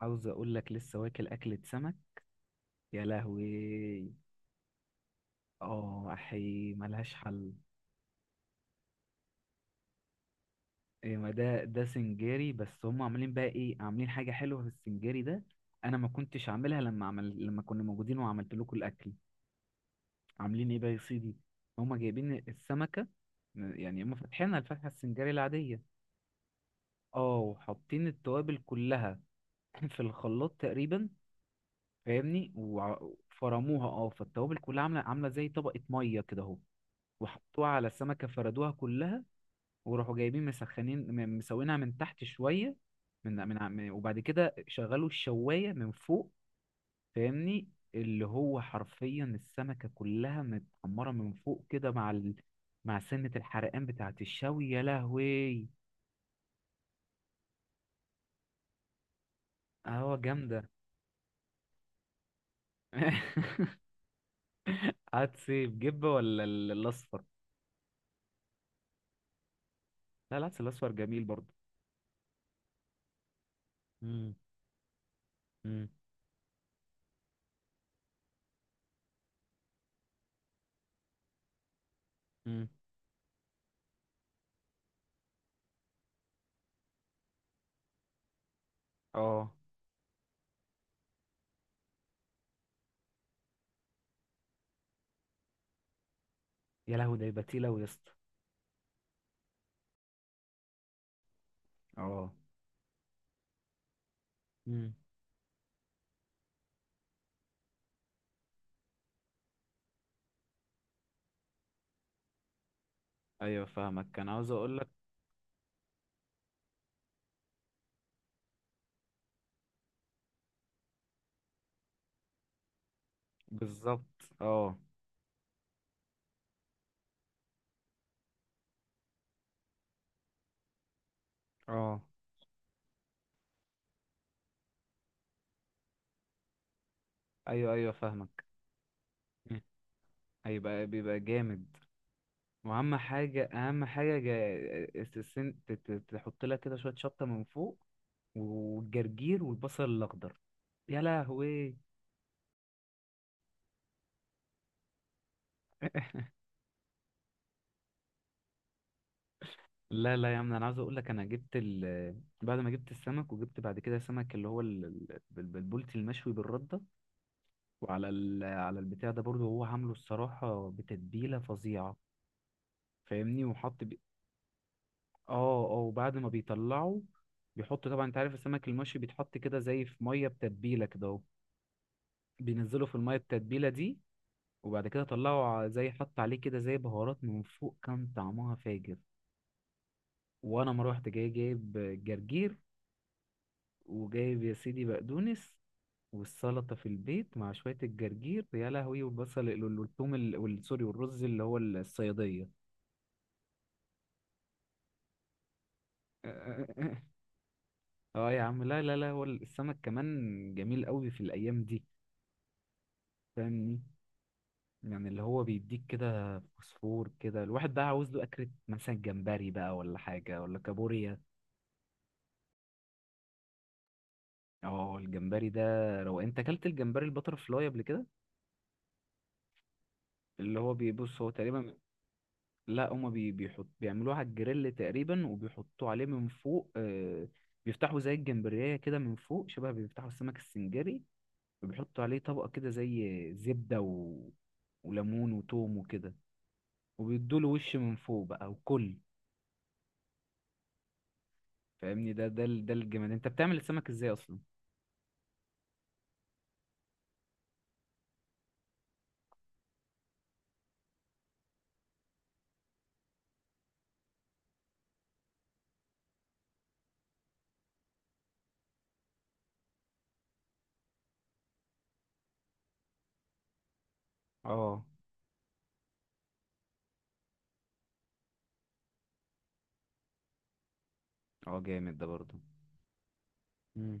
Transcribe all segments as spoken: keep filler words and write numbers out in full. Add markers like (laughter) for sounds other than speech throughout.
عاوز اقول لك لسه واكل اكلة سمك. يا لهوي. اه احي ملهاش حل. إيه، ما ده ده سنجاري. بس هم عاملين بقى ايه؟ عاملين حاجة حلوة في السنجاري ده. انا ما كنتش عاملها لما عمل لما كنا موجودين وعملت لكم الاكل. عاملين ايه بقى يا سيدي؟ هم جايبين السمكة. يعني هم فاتحينها الفتحة السنجاري العادية. اه وحاطين التوابل كلها (laughs) في الخلاط تقريبا. فاهمني، وفرموها. اه فالتوابل كلها عاملة عاملة زي طبقة مية كده اهو. وحطوها على السمكة فردوها كلها. وراحوا جايبين مسخنين م- مسوينها من تحت شوية. من من ع- من- وبعد كده شغلوا الشواية من فوق. فاهمني. اللي هو حرفيا السمكة كلها متحمرة من فوق كده مع ال... مع سنة الحرقان بتاعة الشوي. يا لهوي. اه جامدة. (laughs) عدس إيه، بجبة ولا ال- الأصفر؟ لا العدس الأصفر جميل برضه. مم. مم. مم. اه. يا لهوي، ده يبقى تقيل أوي يا اسطى. اه. مم. ايوه فاهمك، كان عاوز اقولك. بالظبط اه. اه. ايوه ايوه فاهمك. مم. هيبقى بيبقى جامد. واهم حاجه اهم حاجه جا- السن- ت- ت- تحط لك كده شويه شطه من فوق. والجرجير والبصل الاخضر. يا لهوي. لا لا يا عم، انا عاوز اقول لك انا جبت ال... بعد ما جبت السمك، وجبت بعد كده سمك اللي هو ال... ال- بال- بالبولتي المشوي بالرده. وعلى ال... على البتاع ده برضو هو عامله الصراحه بتتبيله فظيعه. فاهمني، وحط. اه اه. وبعد ما بيطلعوا بيحطوا، طبعا انت عارف السمك المشوي بيتحط كده زي في ميه بتتبيله كده اهو. بينزلوا في الميه التتبيله دي. وبعد كده طلعوا ع- زي حط عليه كده زي بهارات من فوق، كان طعمها فاجر. وانا ما روحت جاي جايب جرجير، وجايب يا سيدي بقدونس، والسلطه في البيت مع شويه الجرجير. يا لهوي. والبصل ال- والثوم ال- وال- سوري، والرز اللي هو الصياديه. (laughs) اه يا عم، لا لا لا، هو السمك كمان جميل قوي في الايام دي. فاهمني. يعني اللي هو بيديك كده فوسفور كده. الواحد بقى عاوز له أكلة مثلا جمبري بقى ولا حاجة ولا كابوريا. اه الجمبري ده. لو انت اكلت الجمبري البتر فلاي قبل كده، اللي هو بيبص هو تقريبا. لا هما بي- بيحط بيعملوه على الجريل تقريبا، وبيحطوه عليه من فوق. آه، بيفتحوا زي الجمبرية كده من فوق، شبه بيفتحوا السمك السنجري. وبيحطوا عليه طبقة كده زي زبدة و... وليمون وتوم وكده. وبيدوله وش من فوق بقى وكل. فاهمني. ده ده ال- ده الجمال. انت بتعمل السمك ازاي اصلا؟ اه. اه جامد ده برضه. امم.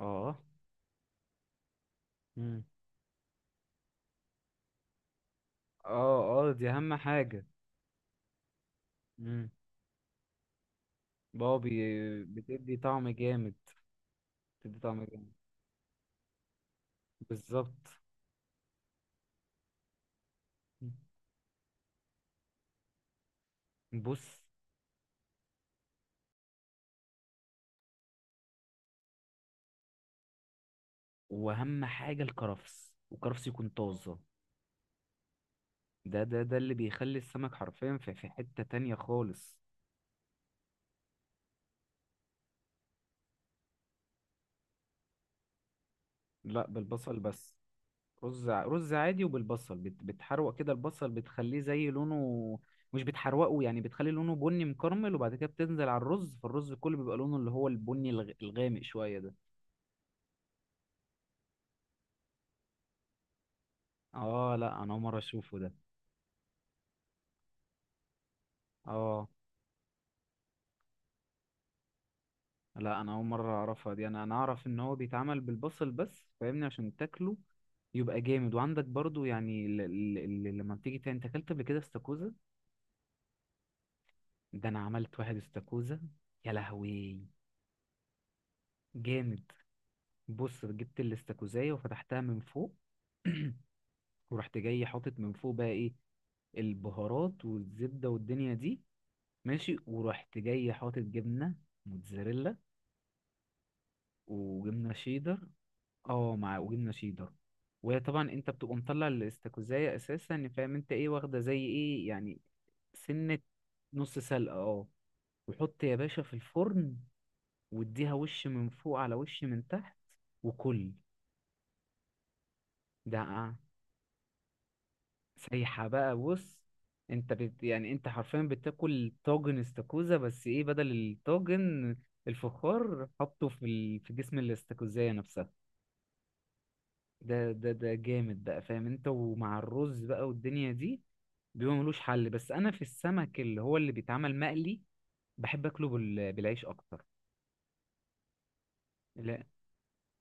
اه. امم. اه. اه دي اهم حاجة. امم. بابي. بتدي طعم جامد. بتدي طعم جامد. بالظبط. مم. بص. واهم حاجة الكرفس، والكرفس يكون طازة. ده ده ده اللي بيخلي السمك حرفيا في في حتة تانية خالص. لا بالبصل بس. رز ع- رز عادي وبالبصل، بت... بتحروق كده البصل بتخليه زي لونه، مش بتحروقه يعني، بتخلي لونه بني مكرمل. وبعد كده بتنزل على الرز، فالرز كله بيبقى لونه اللي هو البني الغ... الغامق شوية ده. اه لا انا اول مرة اشوفه ده. اه لا انا اول مرة اعرفها دي. انا انا اعرف ان هو بيتعمل بالبصل بس. فاهمني، عشان تاكله يبقى جامد. وعندك برضو، يعني ل... ل... ل... لما بتيجي تاني، انت اكلت قبل كده استاكوزا؟ ده انا عملت واحد استاكوزا. يا لهوي. جامد. بص، جبت الاستاكوزايه وفتحتها من فوق. ورحت جاي حاطط من فوق بقى ايه، البهارات والزبده والدنيا دي. ماشي. ورحت جاي حاطط جبنه موتزاريلا، وجبنه شيدر. اه، مع وجبنه شيدر. وهي طبعا انت بتبقى مطلع الاستاكوزايه اساسا، فاهم انت ايه واخده زي ايه يعني. سنه. نص سلقه اه. وحط يا باشا في الفرن، واديها وش من فوق على وش من تحت، وكل. ده سايحة بقى. بص، انت بت يعني انت حرفيا بتاكل طاجن استاكوزا، بس ايه؟ بدل الطاجن الفخار، حطه في ال... في جسم الاستاكوزاية نفسها. ده ده ده جامد بقى، فاهم انت؟ ومع الرز بقى والدنيا دي بيبقى ملوش حل. بس انا في السمك اللي هو اللي بيتعمل مقلي، بحب اكله بال... بالعيش اكتر. لا،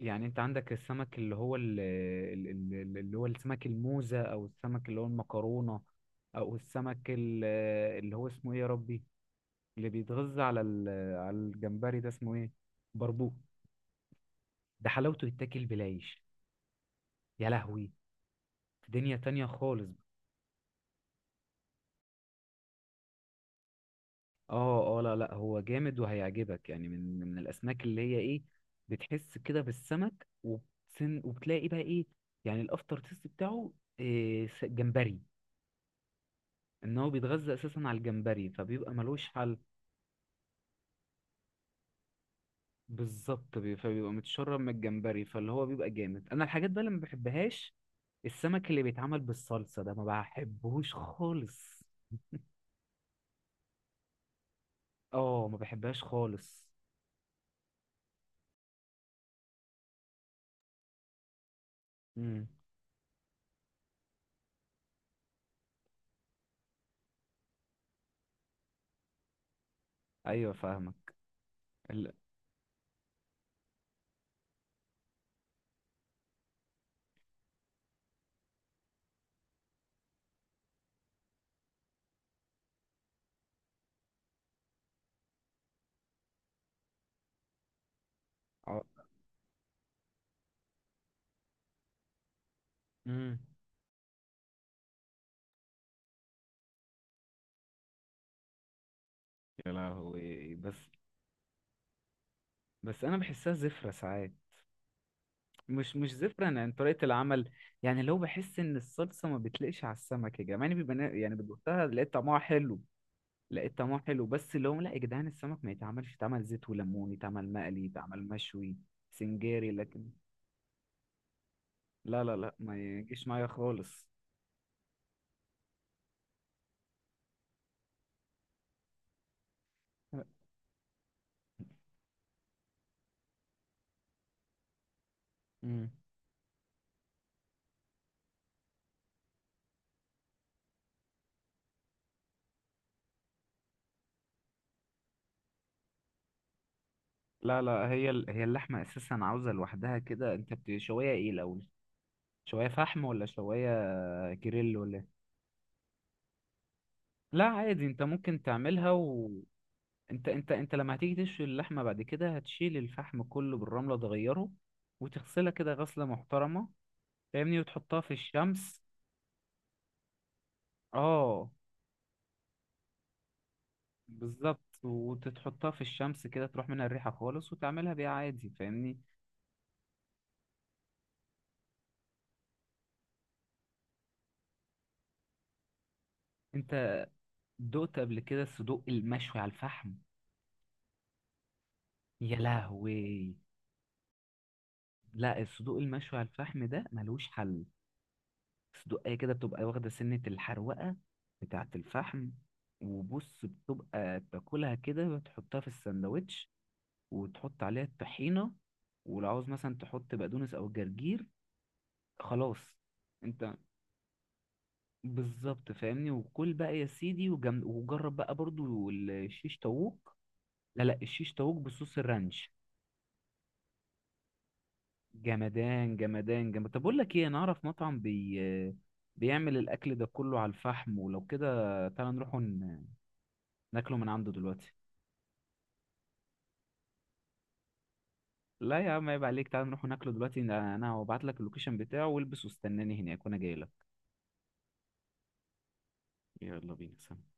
يعني انت عندك السمك اللي هو ال... ال- ال- اللي هو السمك الموزة، او السمك اللي هو المكرونة، او السمك ال- اللي هو اسمه ايه يا ربي، اللي بيتغذى على ال- على الجمبري ده، اسمه ايه؟ بربوق. ده حلاوته يتاكل بالعيش. يا لهوي. في دنيا تانية خالص. اه اه، لا لا، هو جامد وهيعجبك. يعني من من الاسماك اللي هي ايه، بتحس كده بالسمك وبتسن، وبتلاقي بقى ايه يعني، الافتر تيست بتاعه إيه؟ س- جمبري. ان هو بيتغذى اساسا على الجمبري، فبيبقى ملوش حل. بالظبط. بي- فبيبقى متشرب من الجمبري، فاللي هو بيبقى جامد. انا الحاجات بقى اللي ما بحبهاش، السمك اللي بيتعمل بالصلصة ده ما بحبهوش خالص. اه ما بحبهاش خالص. امم. ايوه فاهمك. ال... اه. امم. يا لهوي. بس بس انا بحسها زفرة ساعات. مش مش زفرة، انا يعني طريقة العمل. يعني لو بحس ان الصلصة ما بتليقش على السمك، يا جماعة يعني بيبقى نا-، يعني بدوقتها لقيت طعمها حلو. لقيت طعمها حلو، بس اللي هم لا يا جدعان، السمك ما يتعملش، يتعمل زيت وليمون، يتعمل مقلي، يتعمل مشوي سنجاري. لكن لا لا لا، ما يجيش معايا خالص. امم. لا لا، هي ال- هي اللحمة أساسا عاوزة لوحدها كده. أنت بتشويها إيه الأول؟ شوية فحم ولا شوية جريل ولا إيه؟ لا عادي، أنت ممكن تعملها و... أنت أنت أنت لما هتيجي تشوي اللحمة بعد كده، هتشيل الفحم كله بالرملة، تغيره، وتغسلها كده غسلة محترمة. فاهمني. وتحطها في الشمس. اه. بالظبط، وتتحطها في الشمس كده، تروح منها الريحة خالص، وتعملها بيها عادي. فاهمني. أنت دقت قبل كده الصدوق المشوي على الفحم؟ يا لهوي. لا، الصدوق المشوي على الفحم ده ملوش حل. صدوقية كده بتبقى واخدة سنة الحروقة بتاعة الفحم. وبص، بتبقى تاكلها كده، بتحطها في السندوتش، وتحط عليها الطحينة، ولو عاوز مثلا تحط بقدونس أو جرجير، خلاص. انت بالظبط، فاهمني. وكل بقى يا سيدي. وجم... وجرب بقى برضو الشيش طاووق. لا لا، الشيش طاووق بصوص الرانش، جمدان جمدان جمدان. طب اقول لك ايه، انا اعرف مطعم بي بيعمل الاكل ده كله على الفحم، ولو كده تعالى نروح ن- ناكله من عنده دلوقتي. لا يا عم، عيب عليك، تعالى نروح ناكله دلوقتي. انا هبعت لك اللوكيشن بتاعه والبس واستناني هناك، وانا جاي لك. يلا بينا، سلام.